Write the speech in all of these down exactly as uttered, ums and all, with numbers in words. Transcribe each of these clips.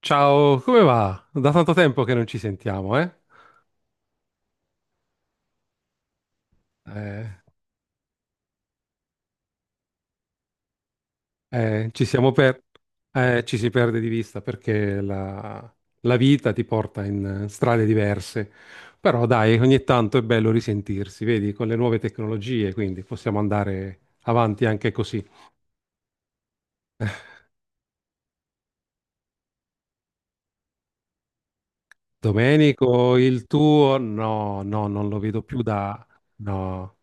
Ciao, come va? Da tanto tempo che non ci sentiamo, eh? Eh, eh, ci siamo per... eh, ci si perde di vista perché la, la vita ti porta in eh, strade diverse. Però dai, ogni tanto è bello risentirsi, vedi, con le nuove tecnologie, quindi possiamo andare avanti anche così. Domenico, il tuo? No, no, non lo vedo più da... No.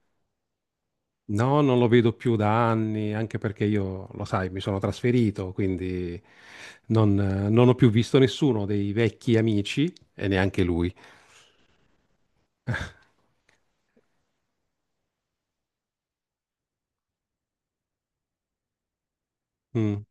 No, non lo vedo più da anni, anche perché io, lo sai, mi sono trasferito, quindi non, eh, non ho più visto nessuno dei vecchi amici e neanche lui. Mm.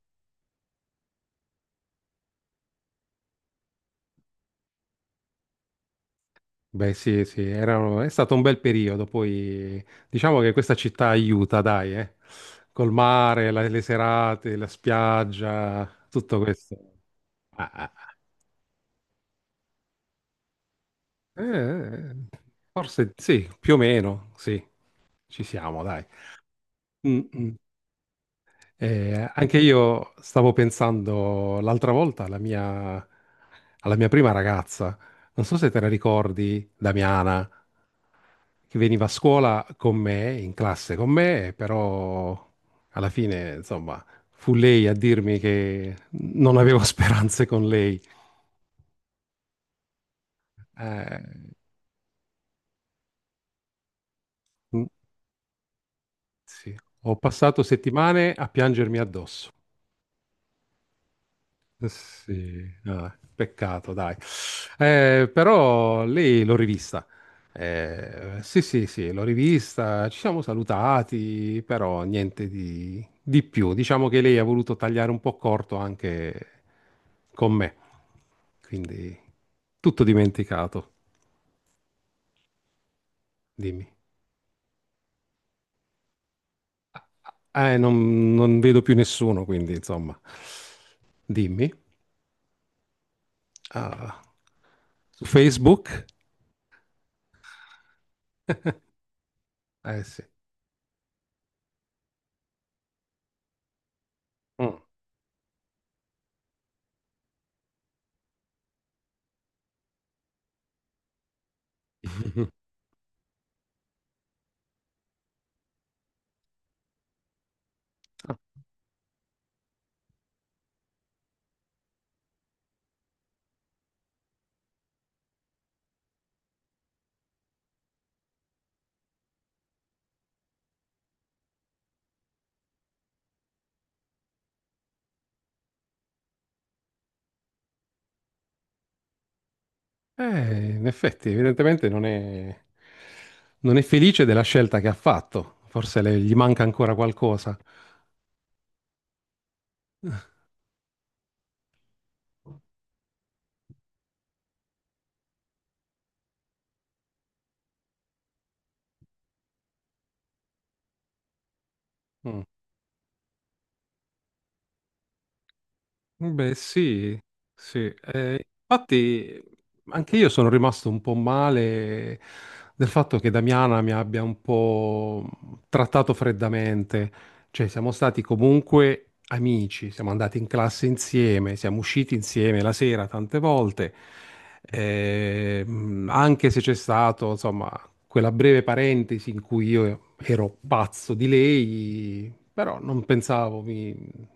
Beh, sì, sì, era- è stato un bel periodo. Poi diciamo che questa città aiuta, dai, eh. Col mare, la- le serate, la spiaggia, tutto questo. Ah, ah, ah. Eh, eh, forse sì, più o meno, sì, ci siamo, dai. Mm, mm. Eh, anche io stavo pensando l'altra volta alla mia, alla mia prima ragazza, non so se te la ricordi, Damiana, che veniva a scuola con me, in classe con me, però alla fine, insomma, fu lei a dirmi che non avevo speranze con lei. Eh, mm, sì. Ho passato settimane a piangermi addosso. Sì, vabbè, peccato, dai. Eh, però lei l'ho rivista. Eh, sì, sì, sì, l'ho rivista, ci siamo salutati, però niente di, di più. Diciamo che lei ha voluto tagliare un po' corto anche con me, quindi tutto dimenticato, dimmi. Eh, non, non vedo più nessuno, quindi insomma, dimmi. Ah, su Facebook? Eh sì. Mm. Eh, in effetti, evidentemente non è, non è felice della scelta che ha fatto. Forse le- gli manca ancora qualcosa. Mm. Beh, sì, sì. Eh, infatti, anche io sono rimasto un po' male del fatto che Damiana mi abbia un po' trattato freddamente. Cioè, siamo stati comunque amici, siamo andati in classe insieme, siamo usciti insieme la sera tante volte. Eh, mh, anche se c'è stato, insomma, quella breve parentesi in cui io ero pazzo di lei, però non pensavo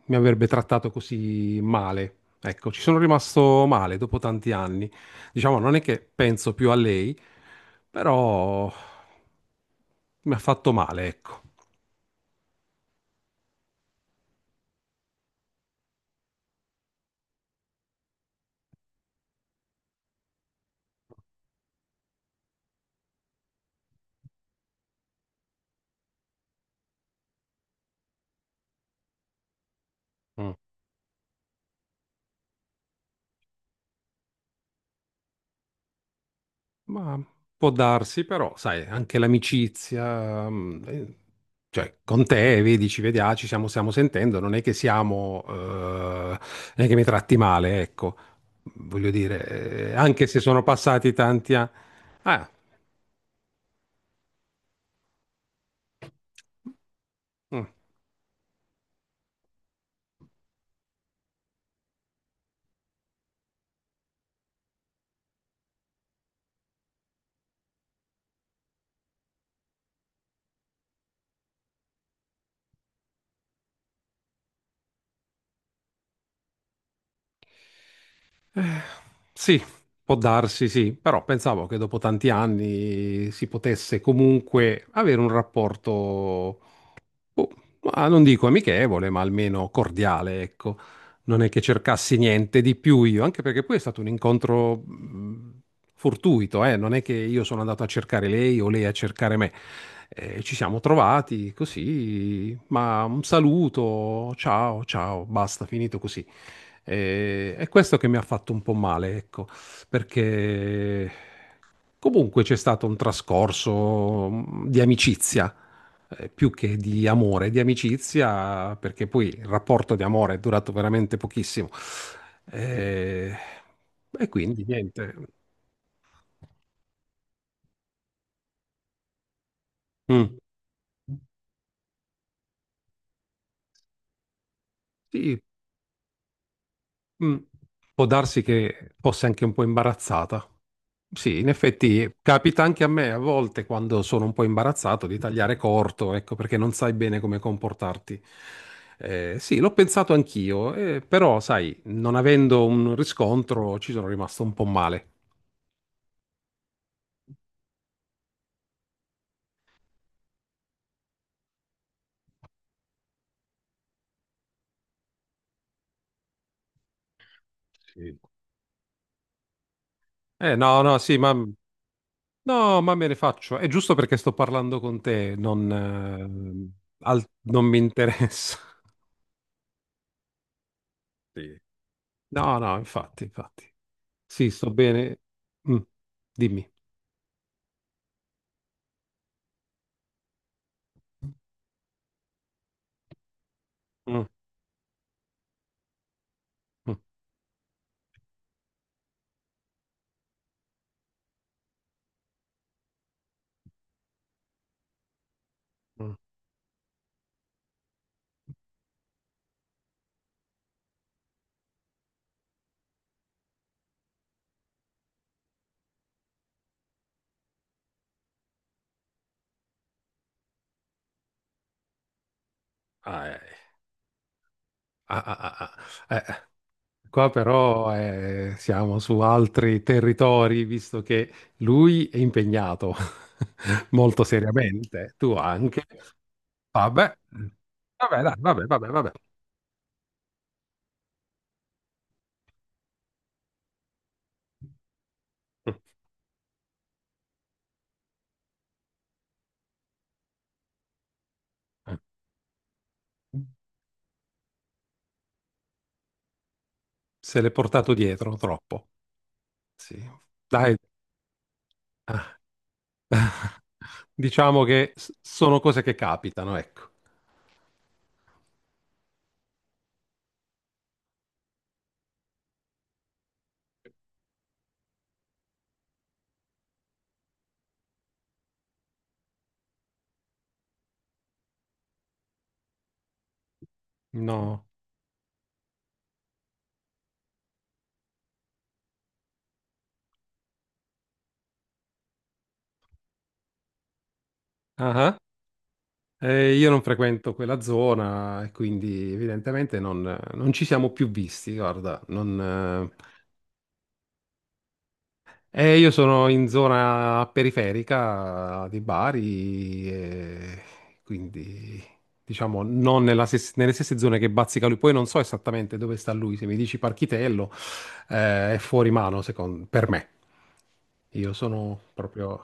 mi avrebbe trattato così male. Ecco, ci sono rimasto male dopo tanti anni. Diciamo, non è che penso più a lei, però mi ha fatto male, ecco. Mm. Ma può darsi, però, sai, anche l'amicizia, mm, eh, cioè, con te, vedi, ci vediamo, ci stiamo, stiamo sentendo, non è che siamo, eh, non è che mi tratti male, ecco. Voglio dire, eh, anche se sono passati tanti anni... Ah, mm. Eh, sì, può darsi, sì, però pensavo che dopo tanti anni si potesse comunque avere un rapporto. Boh, ma non dico amichevole, ma almeno cordiale, ecco. Non è che cercassi niente di più io, anche perché poi è stato un incontro mh, fortuito, eh. Non è che io sono andato a cercare lei o lei a cercare me. Eh, ci siamo trovati così, ma un saluto, ciao, ciao, basta, finito così. Eh, è questo che mi ha fatto un po' male, ecco, perché comunque c'è stato un trascorso mh, di amicizia eh, più che di amore, di amicizia, perché poi il rapporto di amore è durato veramente pochissimo. Eh, e quindi niente. Mm. Sì, mm. Può darsi che fosse anche un po' imbarazzata. Sì, in effetti capita anche a me a volte quando sono un po' imbarazzato di tagliare corto, ecco, perché non sai bene come comportarti. Eh, sì, l'ho pensato anch'io, eh, però sai, non avendo un riscontro ci sono rimasto un po' male. Sì. Eh, no, no, sì, ma, no, ma me ne faccio. È giusto perché sto parlando con te, non, eh, al- non mi interessa. Sì. No, no, infatti, infatti. Sì, sto bene. Mm, dimmi. Mm, mm, mm. Ah, eh. Ah, ah, ah, ah. Eh, qua però eh, siamo su altri territori, visto che lui è impegnato molto seriamente, tu anche. Vabbè, vabbè, dai, vabbè, vabbè, vabbè. Mm. Eh. Se l'è portato dietro troppo. Sì. Dai. Ah. Diciamo che s- sono cose che capitano, ecco. No. Ah, ah. Eh, io non frequento quella zona e quindi evidentemente non, non ci siamo più visti, guarda, non. Eh, io sono in zona periferica di Bari, e quindi diciamo non nella stes- nelle stesse zone che bazzica lui. Poi non so esattamente dove sta lui, se mi dici Parchitello, eh, è fuori mano secon- per me. Io sono proprio...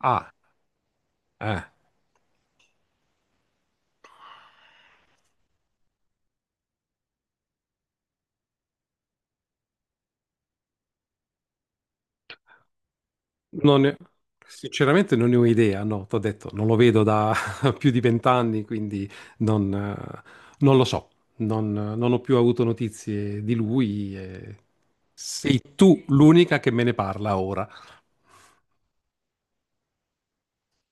Ah, eh. Non ne- Sinceramente non ne ho idea, no, t'ho detto, non lo vedo da più di vent'anni, quindi non, eh, non lo so, non, non ho più avuto notizie di lui. E sei tu l'unica che me ne parla ora.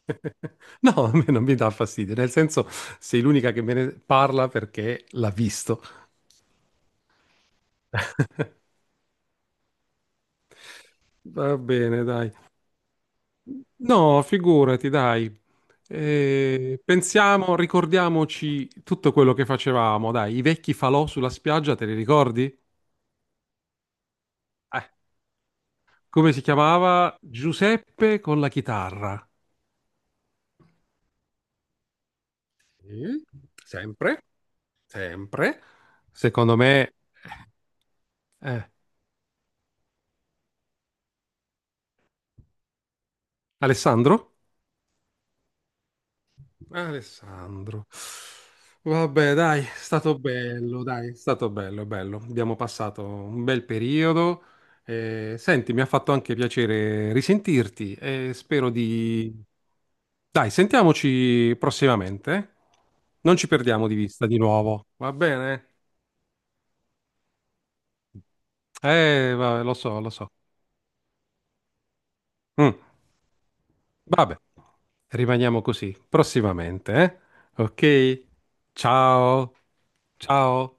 No, a me non mi dà fastidio, nel senso sei l'unica che me ne parla perché l'ha visto. Va bene, dai. No, figurati, dai. Eh, pensiamo, ricordiamoci tutto quello che facevamo, dai, i vecchi falò sulla spiaggia, te li ricordi? Eh, come si chiamava? Giuseppe con la chitarra. Sì, sempre, sempre. Secondo me, eh, Alessandro? Alessandro. Vabbè, dai, è stato bello, dai, è stato bello, bello. Abbiamo passato un bel periodo. Eh, senti, mi ha fatto anche piacere risentirti e spero di... Dai, sentiamoci prossimamente. Eh? Non ci perdiamo di vista di nuovo, va bene? Eh, vabbè, lo so, lo so. Mm, vabbè, rimaniamo così, prossimamente, eh? Ok? Ciao, ciao.